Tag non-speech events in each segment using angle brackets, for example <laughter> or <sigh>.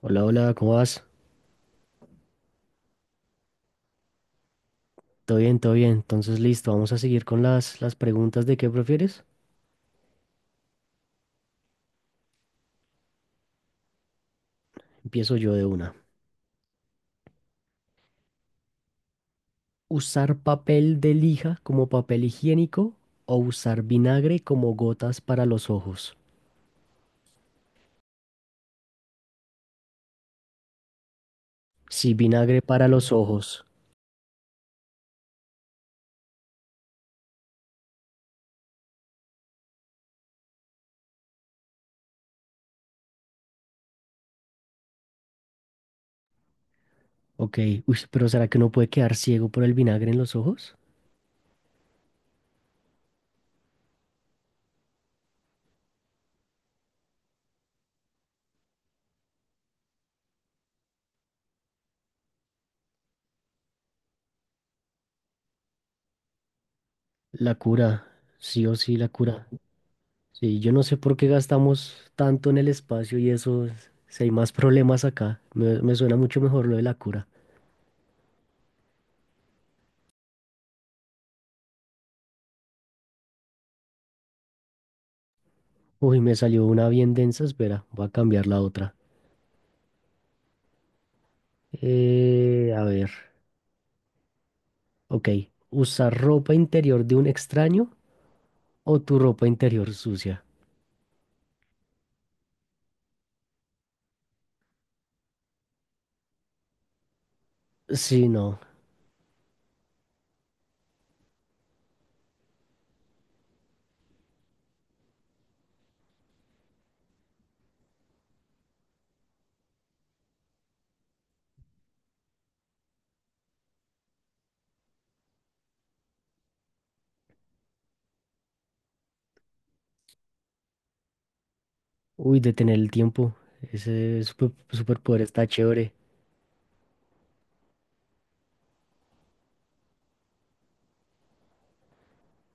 Hola, hola, ¿cómo vas? Todo bien, todo bien. Entonces, listo, vamos a seguir con las preguntas de qué prefieres. Empiezo yo de una. ¿Usar papel de lija como papel higiénico o usar vinagre como gotas para los ojos? Sí, vinagre para los ojos. Ok, uy, pero ¿será que uno puede quedar ciego por el vinagre en los ojos? La cura, sí o sí, la cura. Sí, yo no sé por qué gastamos tanto en el espacio y eso, si hay más problemas acá. Me suena mucho mejor lo de la cura. Uy, me salió una bien densa, espera, voy a cambiar la otra. A ver, ok. ¿Usar ropa interior de un extraño o tu ropa interior sucia? Sí, no. Uy, detener el tiempo. Ese superpoder está chévere.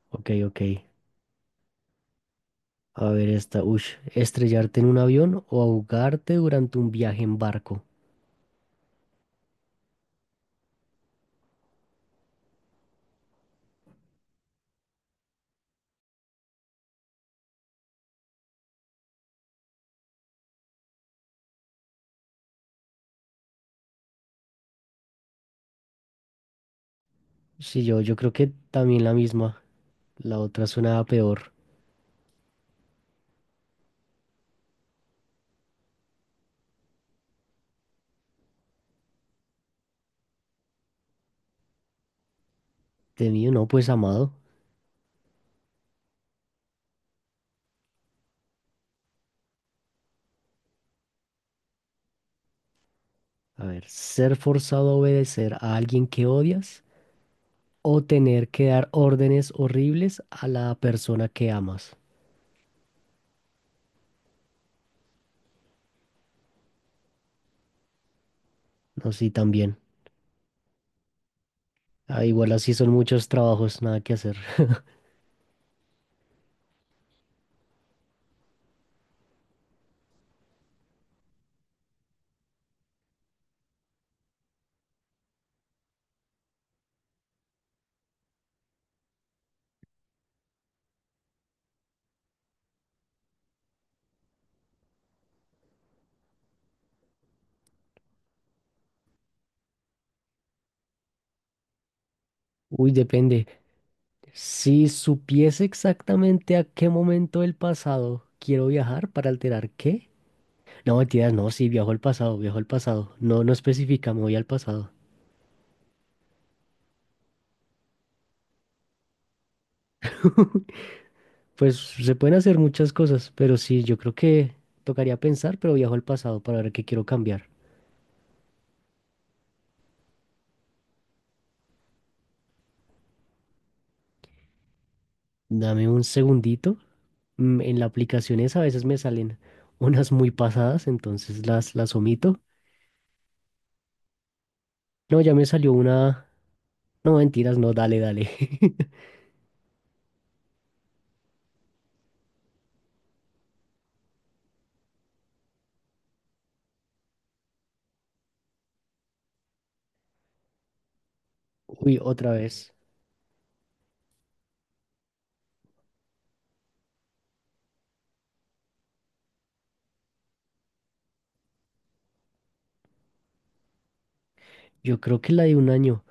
Ok, ok. A ver esta. Uy, ¿estrellarte en un avión o ahogarte durante un viaje en barco? Sí, yo creo que también la misma. La otra suena peor. De no, pues amado. A ver, ¿ser forzado a obedecer a alguien que odias o tener que dar órdenes horribles a la persona que amas? No, sí, también. Ah, igual así son muchos trabajos, nada que hacer. <laughs> Uy, depende. Si supiese exactamente a qué momento del pasado quiero viajar para alterar qué. No, mentiras, no, sí, viajo al pasado, viajo al pasado. No, no especifica, me voy al pasado. <laughs> Pues se pueden hacer muchas cosas, pero sí, yo creo que tocaría pensar, pero viajo al pasado para ver qué quiero cambiar. Dame un segundito. En las aplicaciones a veces me salen unas muy pasadas, entonces las omito. No, ya me salió una... No, mentiras, no, dale, dale. <laughs> Uy, otra vez. Yo creo que la de un año.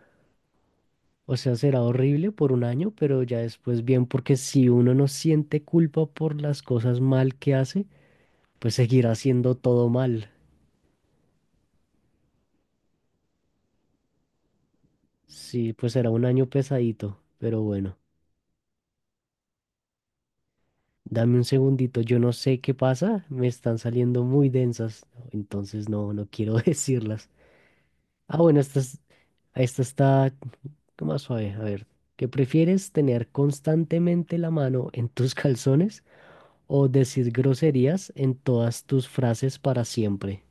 O sea, será horrible por un año, pero ya después bien, porque si uno no siente culpa por las cosas mal que hace, pues seguirá haciendo todo mal. Sí, pues será un año pesadito, pero bueno. Dame un segundito, yo no sé qué pasa, me están saliendo muy densas. No, entonces no, no quiero <laughs> decirlas. Ah, bueno, esta, esta está más suave. A ver, ¿qué prefieres tener constantemente la mano en tus <laughs> calzones o decir groserías en todas tus frases para siempre?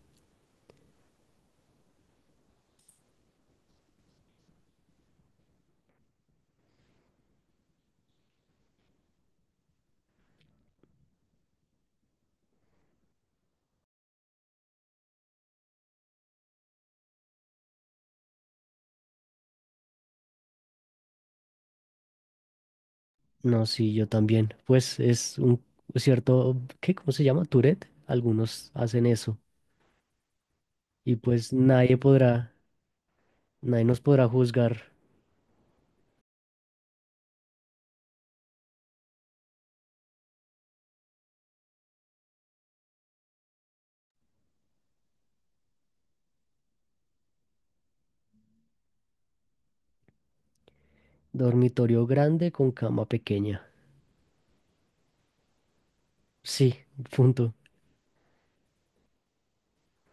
No, sí, yo también. Pues es un cierto, ¿qué? ¿Cómo se llama? Tourette. Algunos hacen eso. Y pues nadie nos podrá juzgar. Dormitorio grande con cama pequeña. Sí, punto.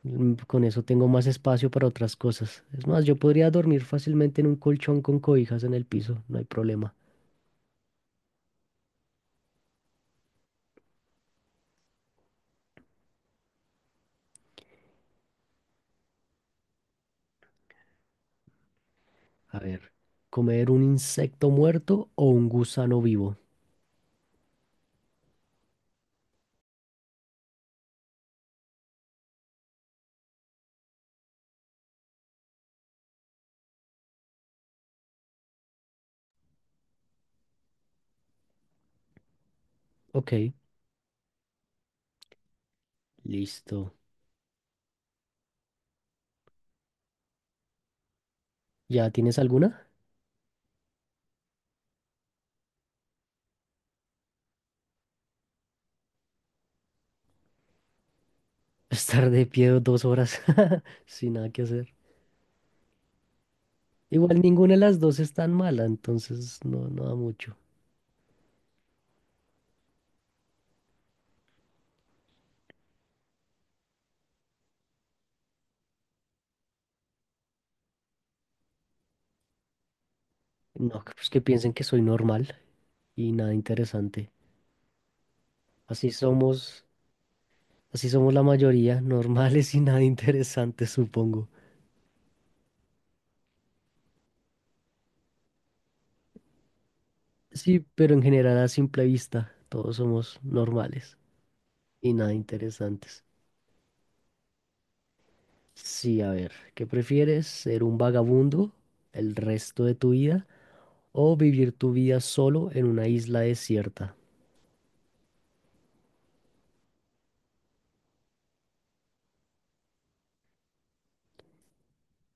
Con eso tengo más espacio para otras cosas. Es más, yo podría dormir fácilmente en un colchón con cobijas en el piso, no hay problema. A ver, comer un insecto muerto o un gusano vivo. Ok, listo. ¿Ya tienes alguna? <laughs> Estar de pie 2 horas <laughs> sin nada que hacer. Igual ninguna de las dos es tan mala, entonces no, no da mucho. No, pues que piensen que soy normal y nada interesante. Así somos, así somos la mayoría, <laughs> normales y nada interesantes, supongo. Sí, pero en general a simple vista todos somos normales y nada interesantes. Sí, a ver, ¿qué prefieres? ¿Ser un vagabundo el resto de tu vida o vivir tu vida solo en una isla desierta?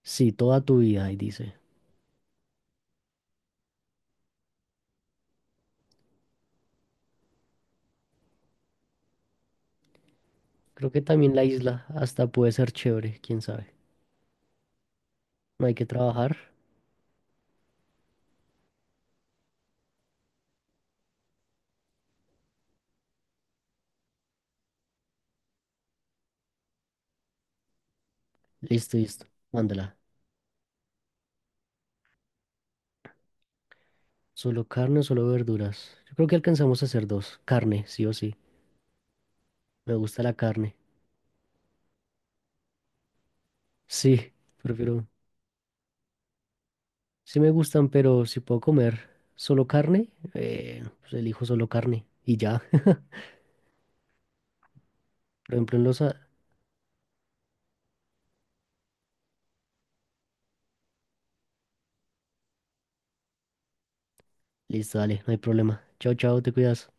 Sí, toda tu vida, ahí dice. Creo que también la isla hasta puede ser chévere, quién sabe. No hay que trabajar. Listo, listo. Mándala. Solo carne o solo verduras. Yo creo que alcanzamos a hacer dos. Carne, sí o sí. Me gusta la carne. Sí, prefiero sí me gustan, pero si puedo comer solo carne, pues elijo solo carne y ya. <laughs> Por ejemplo, en los... Listo, dale, no hay problema. Chao, chao, te cuidas.